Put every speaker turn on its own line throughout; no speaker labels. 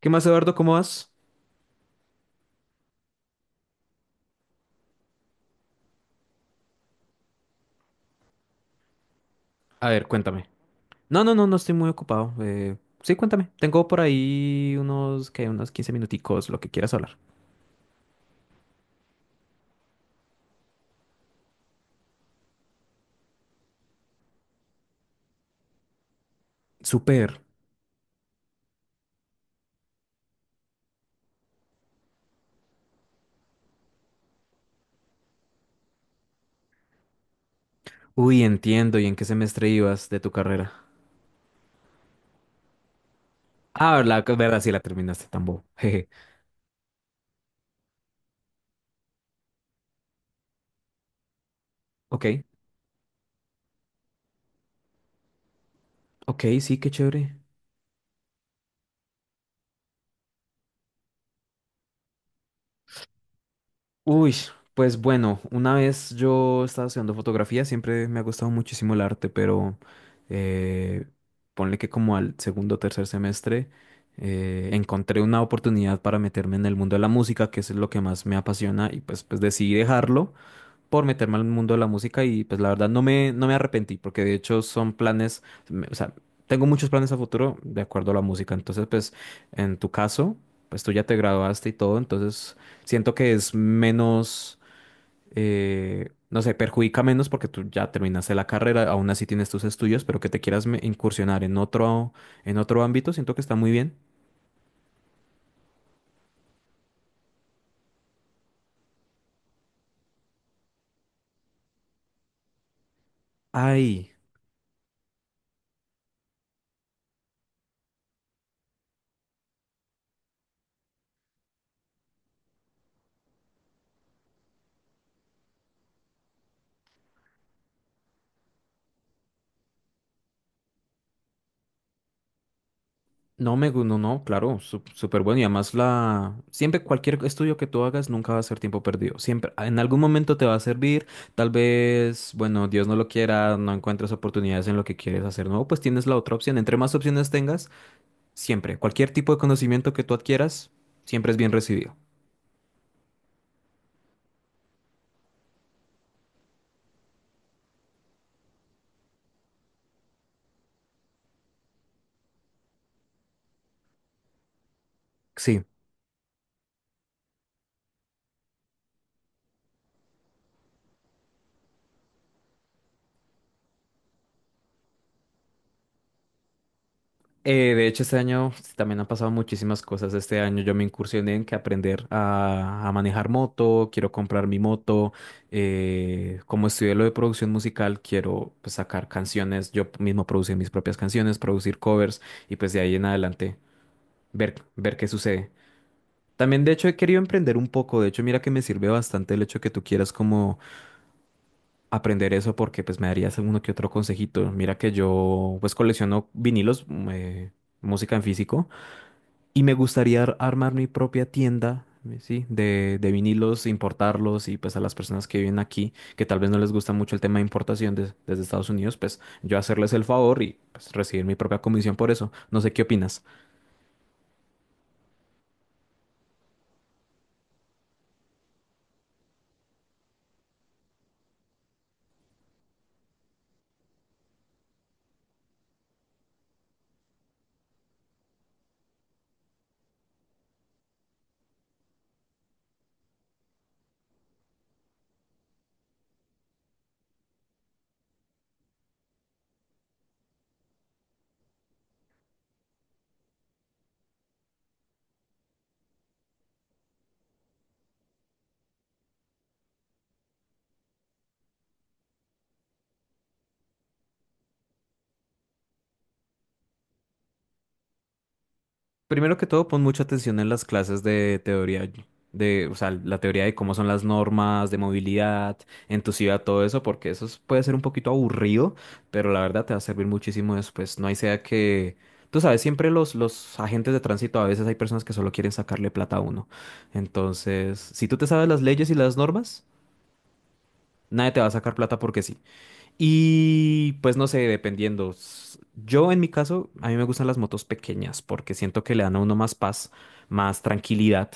¿Qué más, Eduardo? ¿Cómo vas? A ver, cuéntame. No, no, no, no estoy muy ocupado. Sí, cuéntame. Tengo por ahí unos 15 minuticos, lo que quieras hablar. Super. Uy, entiendo. ¿Y en qué semestre ibas de tu carrera? Ah, la verdad, sí la terminaste tan bobo. Jeje. Ok, ok, sí, qué chévere. Uy, pues bueno, una vez yo estaba estudiando fotografía, siempre me ha gustado muchísimo el arte, pero, eh, ponle que como al segundo o tercer semestre, encontré una oportunidad para meterme en el mundo de la música, que es lo que más me apasiona, y pues decidí dejarlo por meterme al mundo de la música y pues la verdad no me arrepentí porque de hecho son planes, o sea, tengo muchos planes a futuro de acuerdo a la música. Entonces, pues en tu caso, pues tú ya te graduaste y todo, entonces siento que es menos, no sé, perjudica menos porque tú ya terminaste la carrera, aún así tienes tus estudios, pero que te quieras incursionar en otro ámbito, siento que está muy bien. Ay. No, no, claro, súper bueno. Y además siempre cualquier estudio que tú hagas nunca va a ser tiempo perdido. Siempre, en algún momento te va a servir. Tal vez, bueno, Dios no lo quiera, no encuentres oportunidades en lo que quieres hacer nuevo, pues tienes la otra opción. Entre más opciones tengas, siempre, cualquier tipo de conocimiento que tú adquieras, siempre es bien recibido. Sí. De hecho, este año también han pasado muchísimas cosas. Este año yo me incursioné en que aprender a manejar moto, quiero comprar mi moto. Como estudié lo de producción musical, quiero pues, sacar canciones, yo mismo producir mis propias canciones, producir covers y pues de ahí en adelante ver qué sucede. También, de hecho, he querido emprender un poco. De hecho, mira que me sirve bastante el hecho que tú quieras como aprender eso porque pues me darías alguno que otro consejito. Mira que yo pues colecciono vinilos, eh, música en físico. Y me gustaría armar mi propia tienda, ¿sí? De vinilos, importarlos y pues a las personas que viven aquí, que tal vez no les gusta mucho el tema de importación desde Estados Unidos, pues yo hacerles el favor y pues recibir mi propia comisión por eso. No sé qué opinas. Primero que todo, pon mucha atención en las clases de teoría, o sea, la teoría de cómo son las normas de movilidad en tu ciudad, todo eso, porque eso puede ser un poquito aburrido, pero la verdad te va a servir muchísimo después. No hay sea que, tú sabes, siempre los agentes de tránsito, a veces hay personas que solo quieren sacarle plata a uno. Entonces, si tú te sabes las leyes y las normas, nadie te va a sacar plata porque sí. Y pues no sé, dependiendo. Yo en mi caso, a mí me gustan las motos pequeñas porque siento que le dan a uno más paz, más tranquilidad,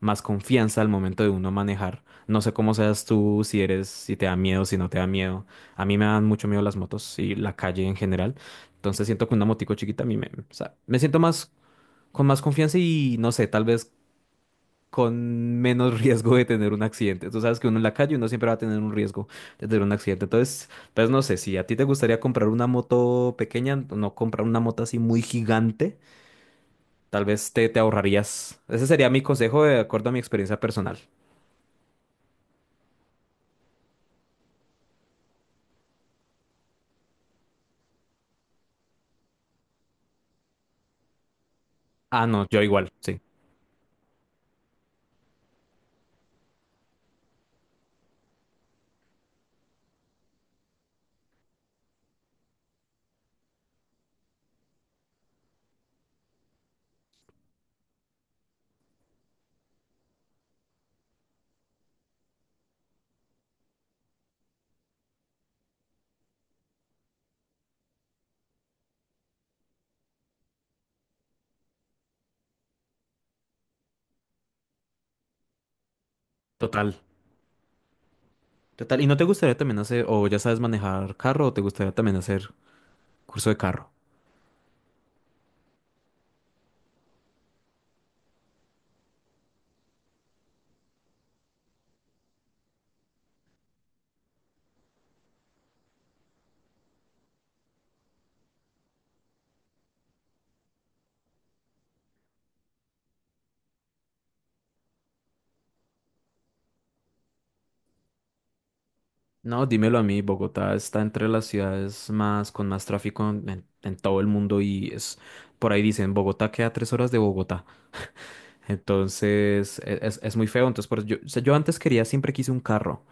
más confianza al momento de uno manejar. No sé cómo seas tú, si eres, si te da miedo, si no te da miedo. A mí me dan mucho miedo las motos y la calle en general. Entonces siento que una motico chiquita a mí me, o sea, me siento más con más confianza y no sé, tal vez con menos riesgo de tener un accidente. Tú sabes que uno en la calle uno siempre va a tener un riesgo de tener un accidente. Entonces, pues no sé, si a ti te gustaría comprar una moto pequeña, no comprar una moto así muy gigante, tal vez te ahorrarías. Ese sería mi consejo de acuerdo a mi experiencia personal. Ah, no, yo igual, sí, total, total. ¿Y no te gustaría también hacer, o ya sabes manejar carro, o te gustaría también hacer curso de carro? No, dímelo a mí, Bogotá está entre las ciudades más con más tráfico en todo el mundo y es por ahí dicen Bogotá queda 3 horas de Bogotá. Entonces es muy feo. Entonces, por eso yo, o sea, yo antes quería, siempre quise un carro,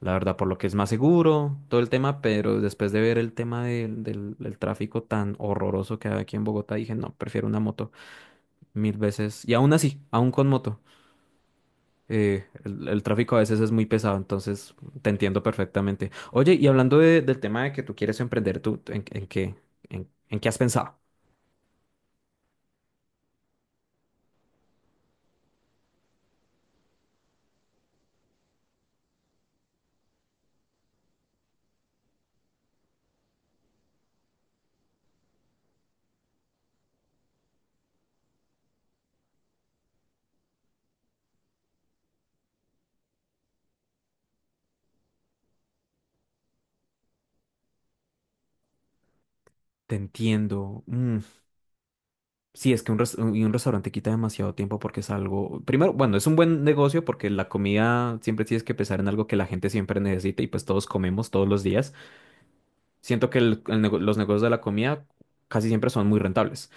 la verdad, por lo que es más seguro, todo el tema, pero después de ver el tema del tráfico tan horroroso que hay aquí en Bogotá, dije, no, prefiero una moto 1000 veces. Y aún así, aún con moto. El tráfico a veces es muy pesado, entonces te entiendo perfectamente. Oye, y hablando del tema de que tú quieres emprender, ¿tú en qué has pensado? Te entiendo. Mm. Sí, es que un restaurante quita demasiado tiempo porque es algo. Primero, bueno, es un buen negocio porque la comida siempre tienes que pensar en algo que la gente siempre necesita y pues todos comemos todos los días. Siento que los negocios de la comida casi siempre son muy rentables.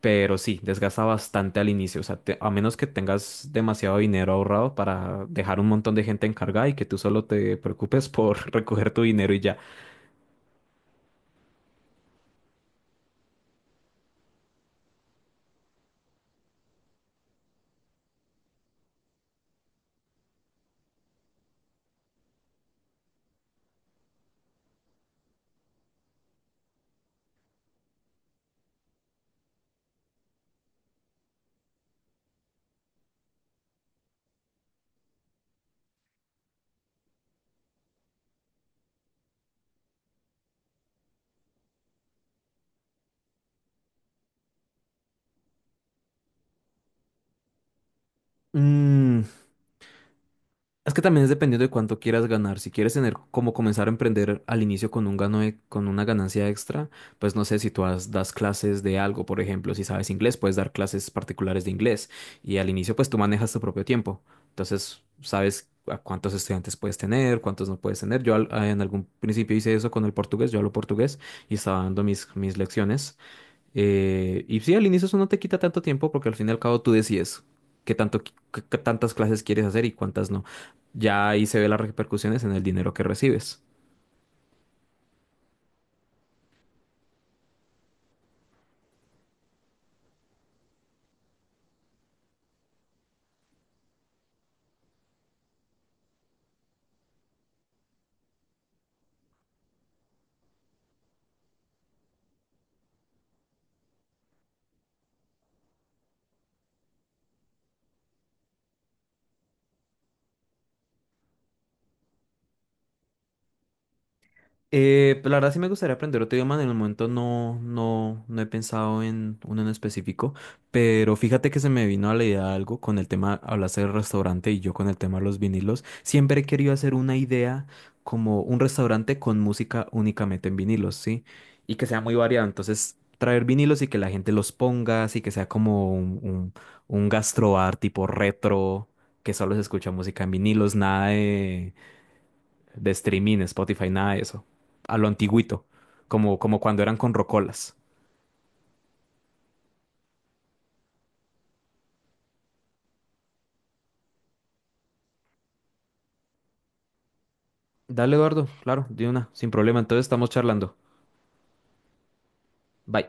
Pero sí, desgasta bastante al inicio. O sea, a menos que tengas demasiado dinero ahorrado para dejar un montón de gente encargada y que tú solo te preocupes por recoger tu dinero y ya. Mm, Es que también es dependiendo de cuánto quieras ganar. Si quieres tener como comenzar a emprender al inicio con un gano e- con una ganancia extra, pues no sé si tú das clases de algo, por ejemplo, si sabes inglés, puedes dar clases particulares de inglés y al inicio pues tú manejas tu propio tiempo. Entonces, sabes a cuántos estudiantes puedes tener, cuántos no puedes tener. Yo en algún principio hice eso con el portugués, yo hablo portugués y estaba dando mis lecciones. Y sí, al inicio eso no te quita tanto tiempo porque al fin y al cabo tú decides qué tantas clases quieres hacer y cuántas no. Ya ahí se ve las repercusiones en el dinero que recibes. Pues la verdad sí me gustaría aprender otro idioma, en el momento no, no, no he pensado en uno en específico, pero fíjate que se me vino a la idea algo con el tema, hablaste del restaurante y yo con el tema de los vinilos, siempre he querido hacer una idea como un restaurante con música únicamente en vinilos, ¿sí? Y que sea muy variado, entonces traer vinilos y que la gente los ponga, así que sea como un, gastrobar tipo retro, que solo se escucha música en vinilos, nada de streaming, Spotify, nada de eso. A lo antiguito, como cuando eran con rocolas. Dale, Eduardo, claro, de una, sin problema. Entonces estamos charlando. Bye.